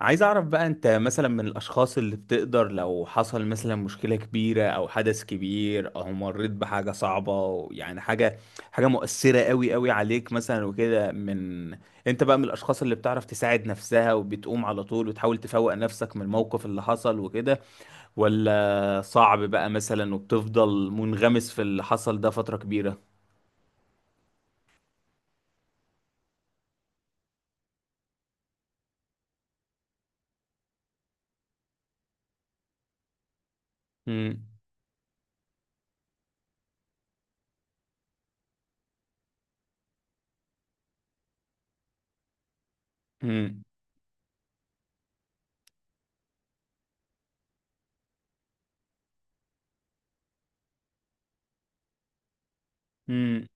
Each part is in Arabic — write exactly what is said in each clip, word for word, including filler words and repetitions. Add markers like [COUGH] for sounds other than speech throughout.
عايز اعرف بقى انت مثلا من الاشخاص اللي بتقدر لو حصل مثلا مشكلة كبيرة او حدث كبير او مريت بحاجة صعبة، يعني حاجة حاجة مؤثرة قوي قوي عليك مثلا وكده. من انت بقى من الاشخاص اللي بتعرف تساعد نفسها وبتقوم على طول وتحاول تفوق نفسك من الموقف اللي حصل وكده، ولا صعب بقى مثلا وبتفضل منغمس في اللي حصل ده فترة كبيرة؟ امم. امم. امم.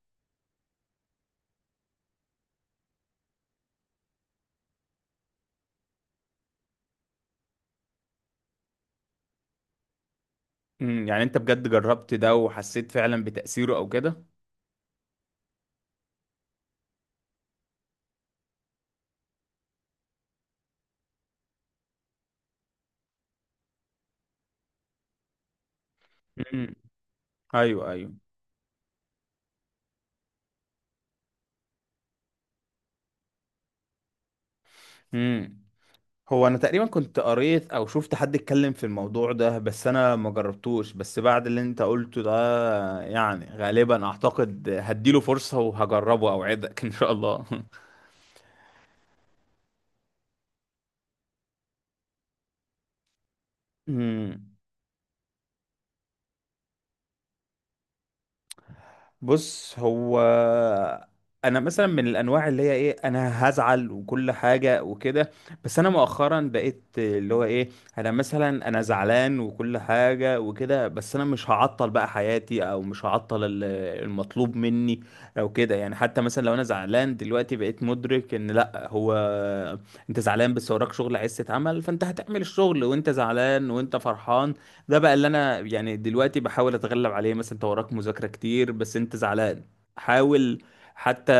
يعني انت بجد جربت ده وحسيت فعلا بتأثيره او كده؟ ايوه، ايوه. امم. هو انا تقريبا كنت قريت او شفت حد اتكلم في الموضوع ده، بس انا ما جربتوش. بس بعد اللي انت قلته ده، يعني غالبا اعتقد هديله فرصة وهجربه، اوعدك ان شاء الله. [LAUGHS] امم. بص، هو انا مثلا من الانواع اللي هي ايه، انا هزعل وكل حاجه وكده. بس انا مؤخرا بقيت اللي هو ايه، انا مثلا انا زعلان وكل حاجه وكده، بس انا مش هعطل بقى حياتي او مش هعطل ال- المطلوب مني او كده. يعني حتى مثلا لو انا زعلان دلوقتي، بقيت مدرك ان لا، هو انت زعلان بس وراك شغل عايز تتعمل، فانت هتعمل الشغل وانت زعلان وانت فرحان. ده بقى اللي انا يعني دلوقتي بحاول اتغلب عليه. مثلا انت وراك مذاكرة كتير بس انت زعلان، حاول حتى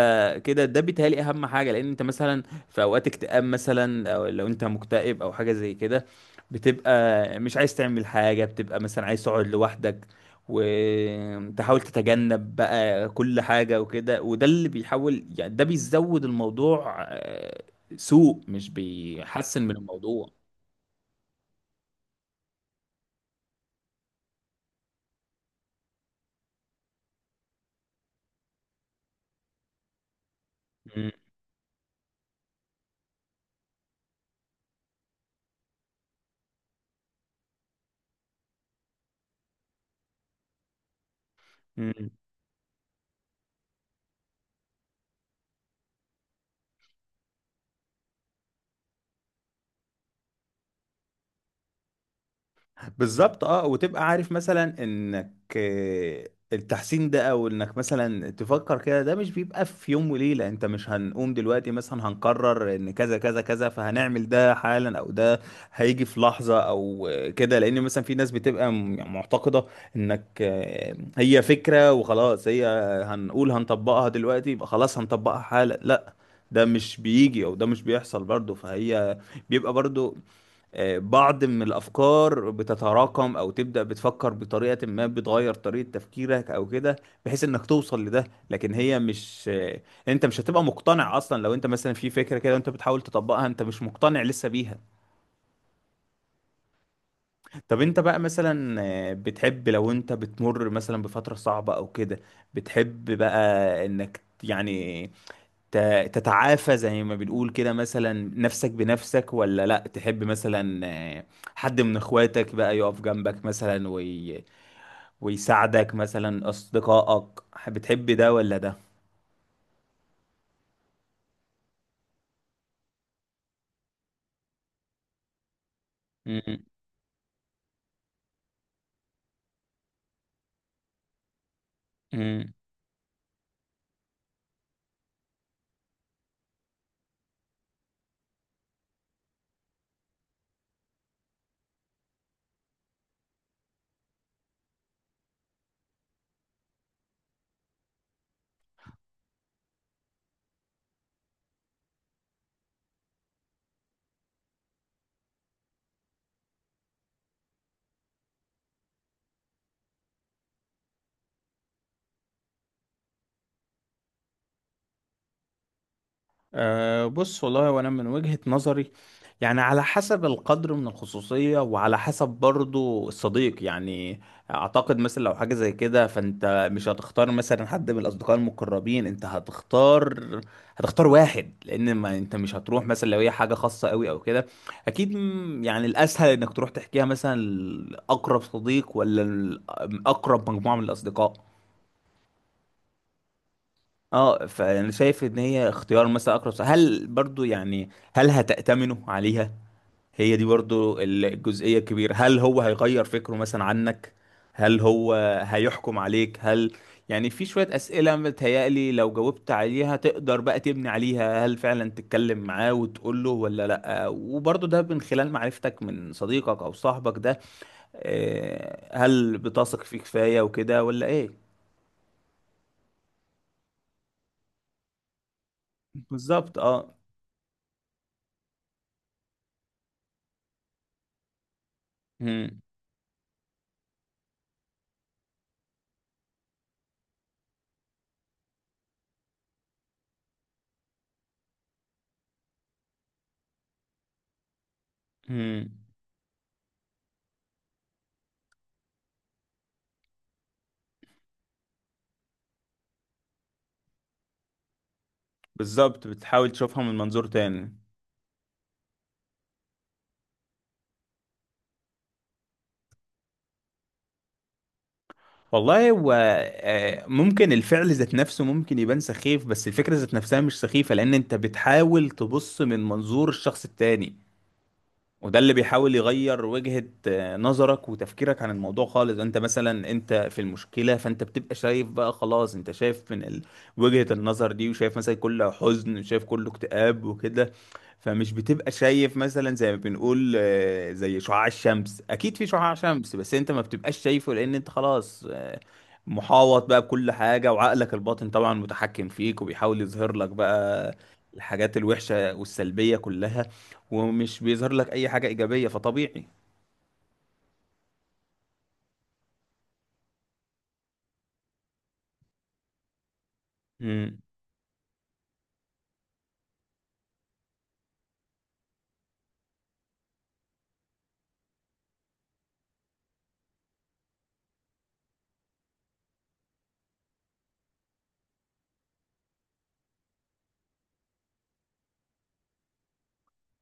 كده. ده بيتهيألي اهم حاجة، لان انت مثلا في اوقات اكتئاب مثلا، او لو انت مكتئب او حاجة زي كده، بتبقى مش عايز تعمل حاجة، بتبقى مثلا عايز تقعد لوحدك وتحاول تتجنب بقى كل حاجة وكده. وده اللي بيحاول، يعني ده بيزود الموضوع آه، سوء، مش بيحسن من الموضوع. مم. بالظبط، اه. وتبقى عارف مثلا انك آه، التحسين ده او انك مثلا تفكر كده، ده مش بيبقى في يوم وليلة. انت مش هنقوم دلوقتي مثلا هنقرر ان كذا كذا كذا فهنعمل ده حالا، او ده هيجي في لحظة او آه، كده. لان مثلا في ناس بتبقى م- يعني معتقدة انك آه، هي فكرة وخلاص، هي هنقول هنطبقها دلوقتي يبقى خلاص هنطبقها حالا. لا، ده مش بيجي او ده مش بيحصل برضه. فهي بيبقى برضو آه، بعض من الأفكار بتتراكم، أو تبدأ بتفكر بطريقة ما، بتغير طريقة تفكيرك أو كده، بحيث إنك توصل لده. لكن هي مش آه، أنت مش هتبقى مقتنع أصلا لو أنت مثلا في فكرة كده وأنت بتحاول تطبقها أنت مش مقتنع لسه بيها. طب أنت بقى مثلا آه، بتحب لو أنت بتمر مثلا بفترة صعبة أو كده، بتحب بقى إنك يعني ت- تتعافى زي ما بنقول كده مثلا نفسك بنفسك، ولا لا تحب مثلا آه، حد من اخواتك بقى يقف جنبك مثلا وي... ويساعدك، مثلا اصدقائك؟ بتحب ده ولا ده؟ مم. أه، بص والله، وانا من وجهة نظري يعني على حسب القدر من الخصوصية وعلى حسب برضو الصديق. يعني اعتقد مثلا لو حاجة زي كده، فانت مش هتختار مثلا حد من الاصدقاء المقربين، انت هتختار هتختار واحد. لان ما انت مش هتروح مثلا لو هي حاجة خاصة قوي او كده. اكيد م- يعني الاسهل انك تروح تحكيها مثلا لاقرب صديق، ولا ال- اقرب مجموعة من الاصدقاء. اه، فانا شايف ان هي اختيار مثلا اقرب صح. هل برضو يعني هل هتأتمنه عليها؟ هي دي برضو الجزئية الكبيرة. هل هو هيغير فكره مثلا عنك؟ هل هو هيحكم عليك؟ هل، يعني في شوية أسئلة متهيألي لو جاوبت عليها تقدر بقى تبني عليها هل فعلا تتكلم معاه وتقول له ولا لأ. وبرضه ده من خلال معرفتك من صديقك أو صاحبك ده، آه، هل بتثق فيه كفاية وكده ولا إيه؟ بالظبط، اه. مم. مم. بالظبط، بتحاول تشوفها من منظور تاني. والله، هو آه، ممكن الفعل ذات نفسه ممكن يبان سخيف، بس الفكرة ذات نفسها مش سخيفة، لأن أنت بتحاول تبص من منظور الشخص التاني. وده اللي بيحاول يغير وجهة آه، نظرك وتفكيرك عن الموضوع خالص. انت مثلا انت في المشكلة، فانت بتبقى شايف بقى خلاص انت شايف من ال... وجهة النظر دي، وشايف مثلا كله حزن، وشايف كله اكتئاب وكده. فمش بتبقى شايف مثلا زي ما بنقول آه، زي شعاع الشمس. اكيد في شعاع شمس بس انت ما بتبقاش شايفه، لان انت خلاص آه، محاوط بقى بكل حاجة، وعقلك الباطن طبعا متحكم فيك وبيحاول يظهر لك بقى الحاجات الوحشة والسلبية كلها، ومش بيظهر لك اي حاجة ايجابية. فطبيعي. مم.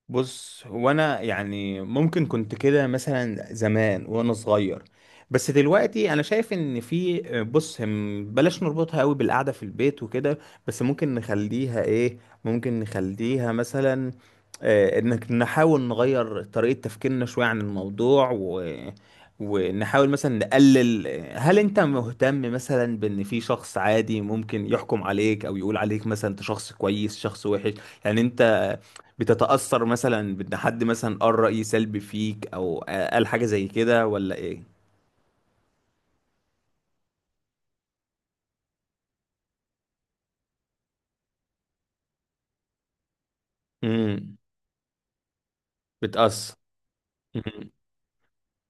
بص، هو انا يعني ممكن كنت كده مثلا زمان وانا صغير، بس دلوقتي انا شايف ان في، بص، هم بلاش نربطها قوي بالقعده في البيت وكده، بس ممكن نخليها ايه، ممكن نخليها مثلا آه، انك نحاول نغير طريقه تفكيرنا شويه عن الموضوع و... ونحاول مثلا نقلل. هل انت مهتم مثلا بان في شخص عادي ممكن يحكم عليك او يقول عليك مثلا انت شخص كويس، شخص وحش؟ يعني انت بتتأثر مثلا بان حد مثلا قال رأي سلبي فيك او قال حاجة زي كده ولا ايه؟ امم. بتأثر. امم.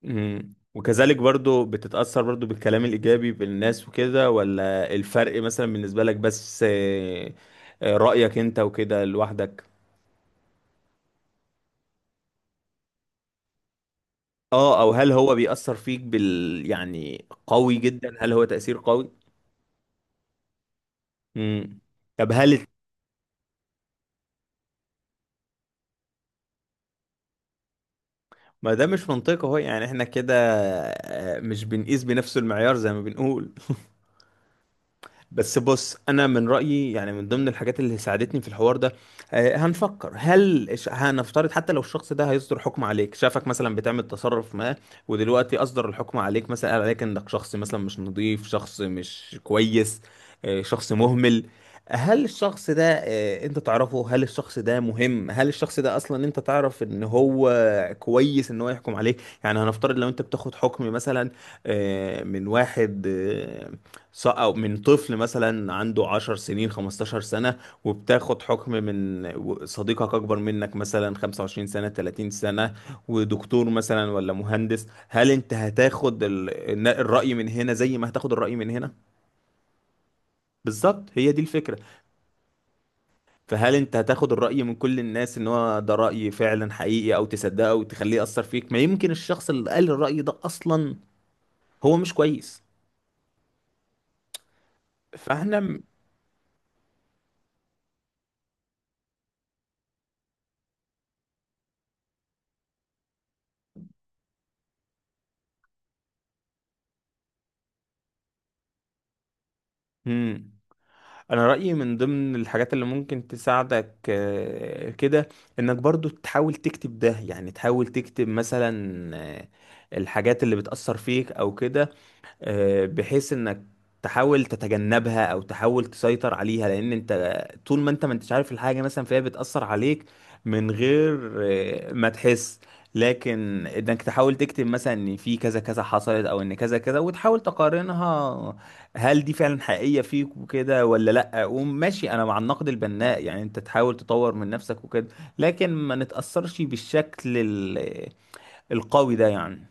امم، وكذلك برضو بتتأثر برضو بالكلام الإيجابي بالناس وكده، ولا الفرق مثلا بالنسبة لك بس آه، آه، رأيك انت وكده لوحدك؟ اه، او هل هو بيأثر فيك بال، يعني قوي جدا؟ هل هو تأثير قوي؟ امم. طب هل، ما ده مش منطقي اهو. يعني احنا كده آه، مش بنقيس بنفس المعيار زي ما بنقول. بس بص، انا من رايي يعني من ضمن الحاجات اللي ساعدتني في الحوار ده آه، هنفكر هل ش- هنفترض حتى لو الشخص ده هيصدر حكم عليك، شافك مثلا بتعمل تصرف ما، ودلوقتي اصدر الحكم عليك مثلا قال عليك انك شخص مثلا مش نظيف، شخص مش كويس، آه، شخص مهمل. هل الشخص ده آه، انت تعرفه؟ هل الشخص ده مهم؟ هل الشخص ده اصلا انت تعرف ان هو كويس ان هو يحكم عليك؟ يعني هنفترض لو انت بتاخد حكم مثلا آه، من واحد آه، ص- أو من طفل مثلا عنده 10 سنين، 15 سنة، وبتاخد حكم من و- صديقك أكبر منك مثلا 25 سنة، 30 سنة، ودكتور مثلا ولا مهندس، هل أنت هتاخد ال- الن- الرأي من هنا زي ما هتاخد الرأي من هنا؟ بالظبط، هي دي الفكرة. فهل أنت هتاخد الرأي من كل الناس إن هو ده رأي فعلا حقيقي أو تصدقه وتخليه يأثر فيك؟ ما يمكن الشخص اللي قال الرأي ده أصلا هو مش كويس. فاحنا، مم. انا رايي من ضمن الحاجات اللي ممكن تساعدك آه، كده انك برضو تحاول تكتب ده، يعني تحاول تكتب مثلا آه، الحاجات اللي بتاثر فيك او كده، آه، بحيث انك تحاول تتجنبها او تحاول تسيطر عليها، لان انت طول ما انت ما انتش عارف الحاجه مثلا فهي بتاثر عليك من غير آه، ما تحس. لكن انك تحاول تكتب مثلا ان في كذا كذا حصلت او ان كذا كذا، وتحاول تقارنها هل دي فعلا حقيقيه فيك وكده ولا لا. وماشي، انا مع النقد البناء، يعني انت تحاول تطور من نفسك وكده، لكن ما نتاثرش بالشكل ال- القوي ده يعني.